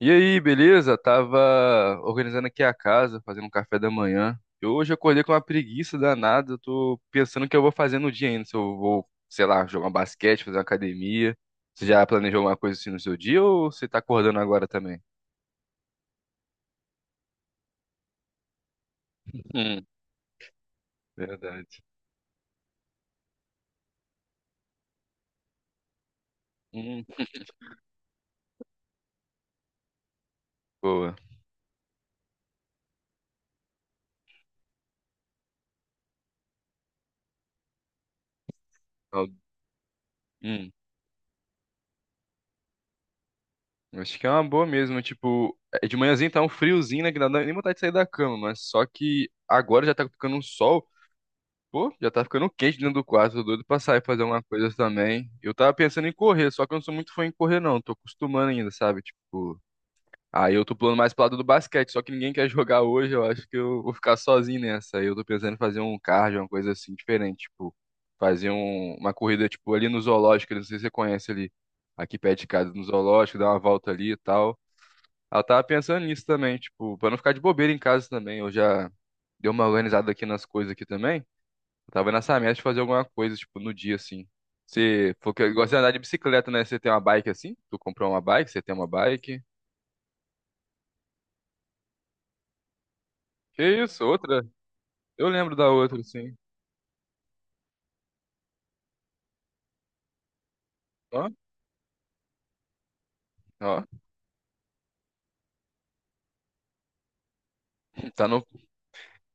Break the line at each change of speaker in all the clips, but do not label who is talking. E aí, beleza? Tava organizando aqui a casa, fazendo um café da manhã. E hoje eu acordei com uma preguiça danada. Eu tô pensando o que eu vou fazer no dia ainda. Se eu vou, sei lá, jogar um basquete, fazer uma academia. Você já planejou alguma coisa assim no seu dia ou você tá acordando agora também? Hum, verdade. Hum, boa. Ó, Hum, acho que é uma boa mesmo. Tipo, é de manhãzinho tá um friozinho, né? Que não dá nem vontade de sair da cama, mas só que agora já tá ficando um sol. Pô, já tá ficando quente dentro do quarto, tô doido pra sair fazer uma coisa também. Eu tava pensando em correr, só que eu não sou muito fã em correr, não. Tô acostumando ainda, sabe? Tipo, aí eu tô pulando mais pro lado do basquete, só que ninguém quer jogar hoje, eu acho que eu vou ficar sozinho nessa. Aí eu tô pensando em fazer um cardio, uma coisa assim diferente, tipo, fazer uma corrida, tipo, ali no zoológico, não sei se você conhece ali, aqui perto de casa, no zoológico, dar uma volta ali e tal. Aí eu tava pensando nisso também, tipo, pra não ficar de bobeira em casa também. Eu já dei uma organizada aqui nas coisas aqui também. Eu tava nessa meta de fazer alguma coisa, tipo, no dia, assim. Você falou que gosta de andar de bicicleta, né? Você tem uma bike assim? Tu comprou uma bike, você tem uma bike. Que isso, outra? Eu lembro da outra, assim. Ó, ó. Tá no,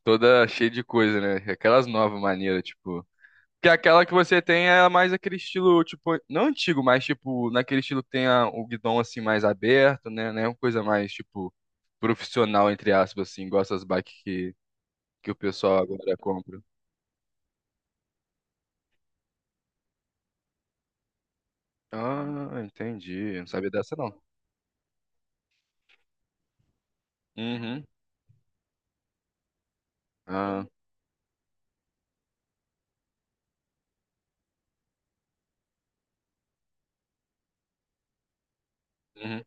toda cheia de coisa, né? Aquelas novas maneiras, tipo. Que aquela que você tem é mais aquele estilo, tipo, não antigo, mas tipo, naquele estilo que tem o guidão assim mais aberto, né? Né uma coisa mais, tipo, profissional, entre aspas, assim, igual essas bikes que o pessoal agora compra. Ah, entendi. Eu não sabia dessa não. Uhum. Ah, uhum.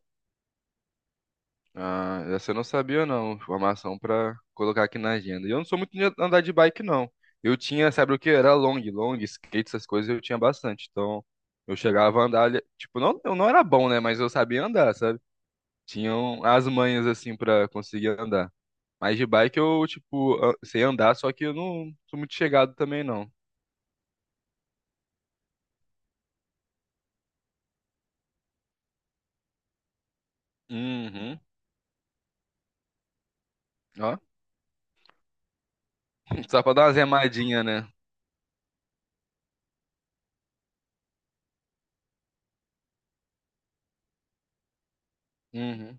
Ah, essa eu não sabia não. Informação pra colocar aqui na agenda. E eu não sou muito de andar de bike não. Eu tinha, sabe o que? Era long, long, skate, essas coisas eu tinha bastante. Então, eu chegava a andar, tipo, não, eu não era bom, né, mas eu sabia andar, sabe? Tinham as manhas assim pra conseguir andar. Mas de bike eu, tipo, sei andar, só que eu não sou muito chegado também não. Uhum. Ó, só pra dar uma zemadinha, né? Uhum.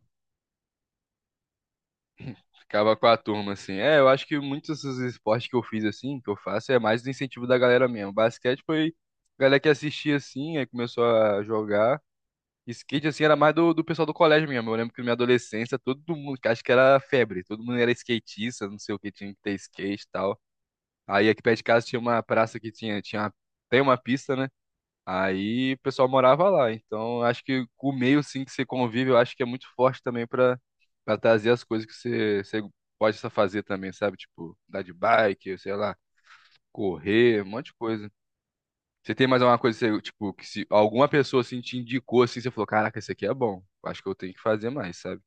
Acaba com a turma, assim. É, eu acho que muitos dos esportes que eu fiz, assim, que eu faço, é mais do incentivo da galera mesmo. Basquete foi a galera que assistia, assim, aí começou a jogar. Skate, assim, era mais do pessoal do colégio mesmo. Eu lembro que na minha adolescência, todo mundo, acho que era febre, todo mundo era skatista, não sei o que, tinha que ter skate e tal. Aí aqui perto de casa tinha uma praça que tem uma pista, né? Aí o pessoal morava lá. Então, acho que o meio sim que você convive, eu acho que é muito forte também pra para trazer as coisas que você, você pode só fazer também, sabe? Tipo, andar de bike, sei lá, correr, um monte de coisa. Você tem mais alguma coisa, que você, tipo, que se alguma pessoa assim te indicou assim, você falou, caraca, esse aqui é bom. Acho que eu tenho que fazer mais, sabe?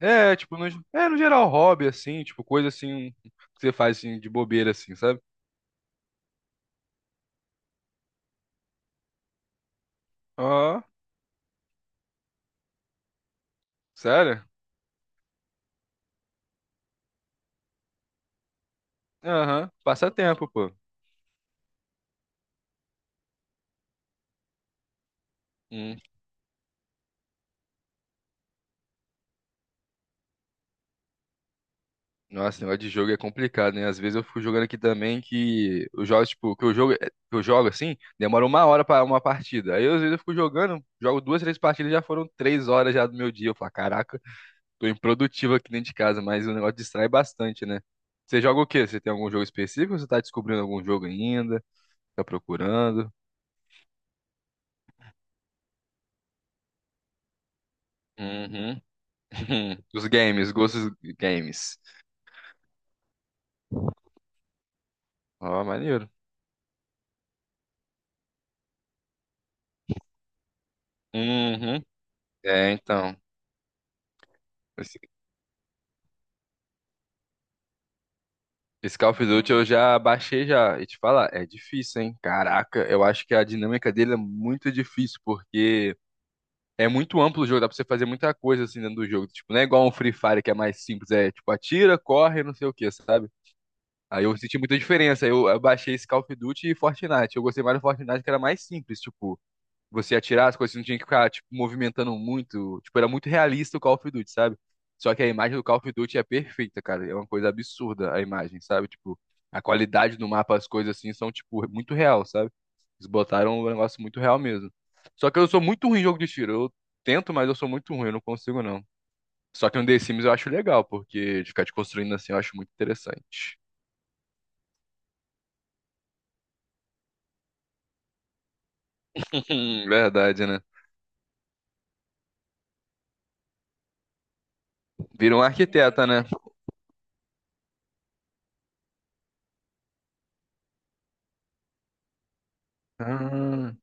É, tipo, no, é, no geral, hobby, assim, tipo, coisa assim que você faz assim, de bobeira, assim, sabe? Ó, sério? Aham, passatempo, pô. Nossa, esse negócio de jogo é complicado, né? Às vezes eu fico jogando aqui também que os jogos, tipo, que eu jogo assim, demora uma hora pra uma partida. Aí às vezes eu fico jogando, jogo duas, três partidas, já foram três horas já do meu dia. Eu falo, caraca, tô improdutivo aqui dentro de casa, mas o negócio distrai bastante, né? Você joga o quê? Você tem algum jogo específico? Ou você tá descobrindo algum jogo ainda? Tá procurando? Uhum. Os games, gostos games. Ó, maneiro. Uhum. É, então. Esse Call of Duty eu já baixei já. E te falar, é difícil, hein? Caraca, eu acho que a dinâmica dele é muito difícil, porque é muito amplo o jogo, dá pra você fazer muita coisa assim dentro do jogo. Tipo, não é igual um Free Fire que é mais simples, é tipo, atira, corre, não sei o que, sabe? Aí eu senti muita diferença. Eu baixei esse Call of Duty e Fortnite. Eu gostei mais do Fortnite que era mais simples, tipo você atirar, as coisas não tinha que ficar, tipo, movimentando muito. Tipo, era muito realista o Call of Duty, sabe? Só que a imagem do Call of Duty é perfeita, cara. É uma coisa absurda a imagem, sabe? Tipo, a qualidade do mapa, as coisas assim, são, tipo, muito real, sabe? Eles botaram um negócio muito real mesmo. Só que eu sou muito ruim em jogo de tiro. Eu tento, mas eu sou muito ruim, eu não consigo, não. Só que no The Sims eu acho legal, porque de ficar te construindo assim eu acho muito interessante. Verdade, né? Vira um arquiteta, né? Ah,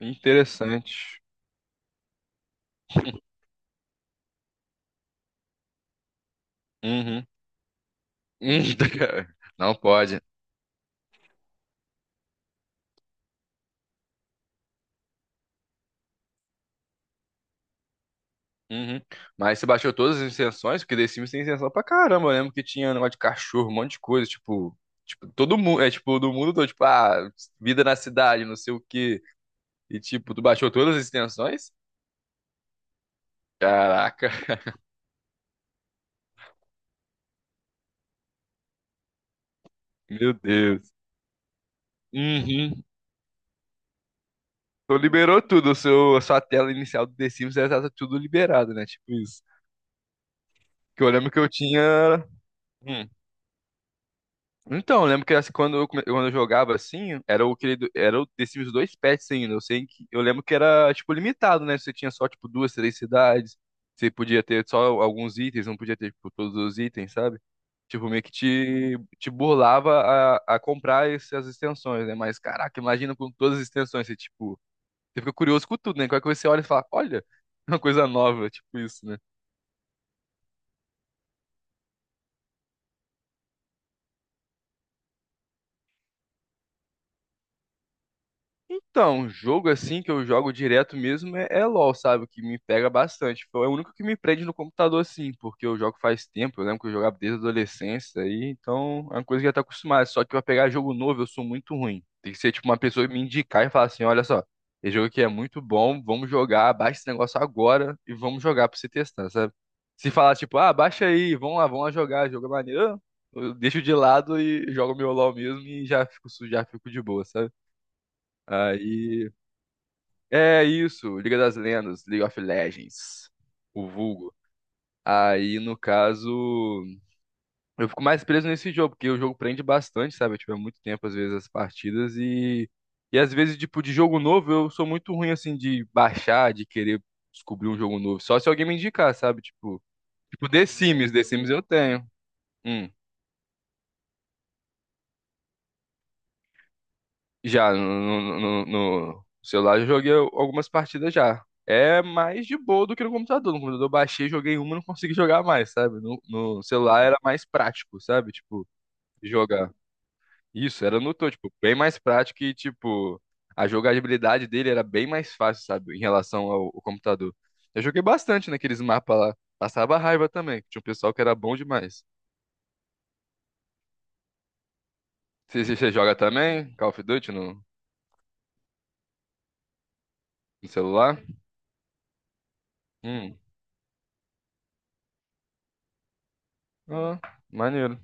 interessante. Uhum. Hum, Não pode. Uhum. Mas você baixou todas as extensões porque The Sims tem extensão pra caramba. Eu lembro que tinha um negócio de cachorro, um monte de coisa. Tipo, tipo todo mundo. É tipo, do mundo todo. Tipo, ah, vida na cidade, não sei o quê. E tipo, tu baixou todas as extensões? Caraca, meu Deus. Uhum. Tu liberou tudo. O seu, a sua tela inicial do The Sims já tá tudo liberado, né? Tipo isso. Que eu lembro que eu tinha. hum, Então, eu lembro que assim, quando eu, quando eu jogava assim, era o querido, era o The Sims 2 patches ainda. Eu sei que eu lembro que era tipo limitado, né? Você tinha só tipo duas, três cidades. Você podia ter só alguns itens, não podia ter tipo, todos os itens, sabe? Tipo, meio que te burlava a comprar essas extensões, né? Mas caraca, imagina com todas as extensões, você tipo, você fica curioso com tudo, né? Qualquer coisa você olha e fala, olha, uma coisa nova, tipo isso, né? Então, um jogo assim que eu jogo direto mesmo é LoL, sabe? O que me pega bastante. Foi o único que me prende no computador, assim, porque eu jogo faz tempo. Eu lembro que eu jogava desde a adolescência, aí, então é uma coisa que eu já tá acostumado. Só que pra pegar jogo novo, eu sou muito ruim. Tem que ser tipo uma pessoa que me indicar e falar assim: olha só, esse jogo aqui é muito bom, vamos jogar, baixa esse negócio agora e vamos jogar pra você testar, sabe? Se falar tipo, ah, baixa aí, vamos lá jogar, jogo é maneiro. Eu deixo de lado e jogo meu LoL mesmo e já fico, já fico de boa, sabe? Aí é isso, Liga das Lendas, League of Legends, o vulgo. Aí, no caso, eu fico mais preso nesse jogo, porque o jogo prende bastante, sabe? Eu tive muito tempo, às vezes, as partidas e... E às vezes, tipo, de jogo novo, eu sou muito ruim, assim, de baixar, de querer descobrir um jogo novo. Só se alguém me indicar, sabe? Tipo, tipo The Sims, The Sims eu tenho. Hum. Já no, no celular eu joguei algumas partidas já. É mais de boa do que no computador. No computador eu baixei, joguei uma e não consegui jogar mais, sabe? No celular era mais prático, sabe? Tipo, jogar. Isso, era no tô, tipo, bem mais prático e, tipo, a jogabilidade dele era bem mais fácil, sabe? Em relação ao computador. Eu joguei bastante naqueles mapas lá. Passava raiva também. Tinha um pessoal que era bom demais. Você joga também? Call of Duty no celular? Hum. Ah, maneiro.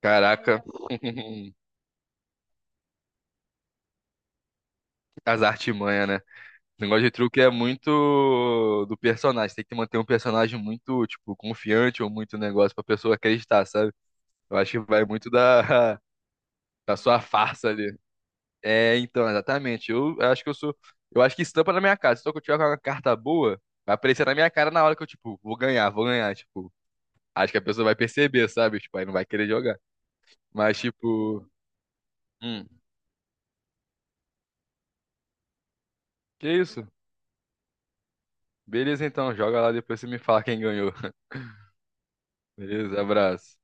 Caraca, as artimanhas, né? O negócio de truque é muito do personagem. Tem que manter um personagem muito, tipo, confiante ou muito negócio pra pessoa acreditar, sabe? Eu acho que vai muito da, da sua farsa ali. É, então, exatamente. Eu acho que eu sou. Eu acho que estampa na minha cara. Se eu tiver com uma carta boa, vai aparecer na minha cara na hora que eu, tipo, vou ganhar, vou ganhar. Tipo, acho que a pessoa vai perceber, sabe? Tipo, aí não vai querer jogar. Mas, tipo, hum, que isso? Beleza, então, joga lá depois você me fala quem ganhou. Beleza, abraço.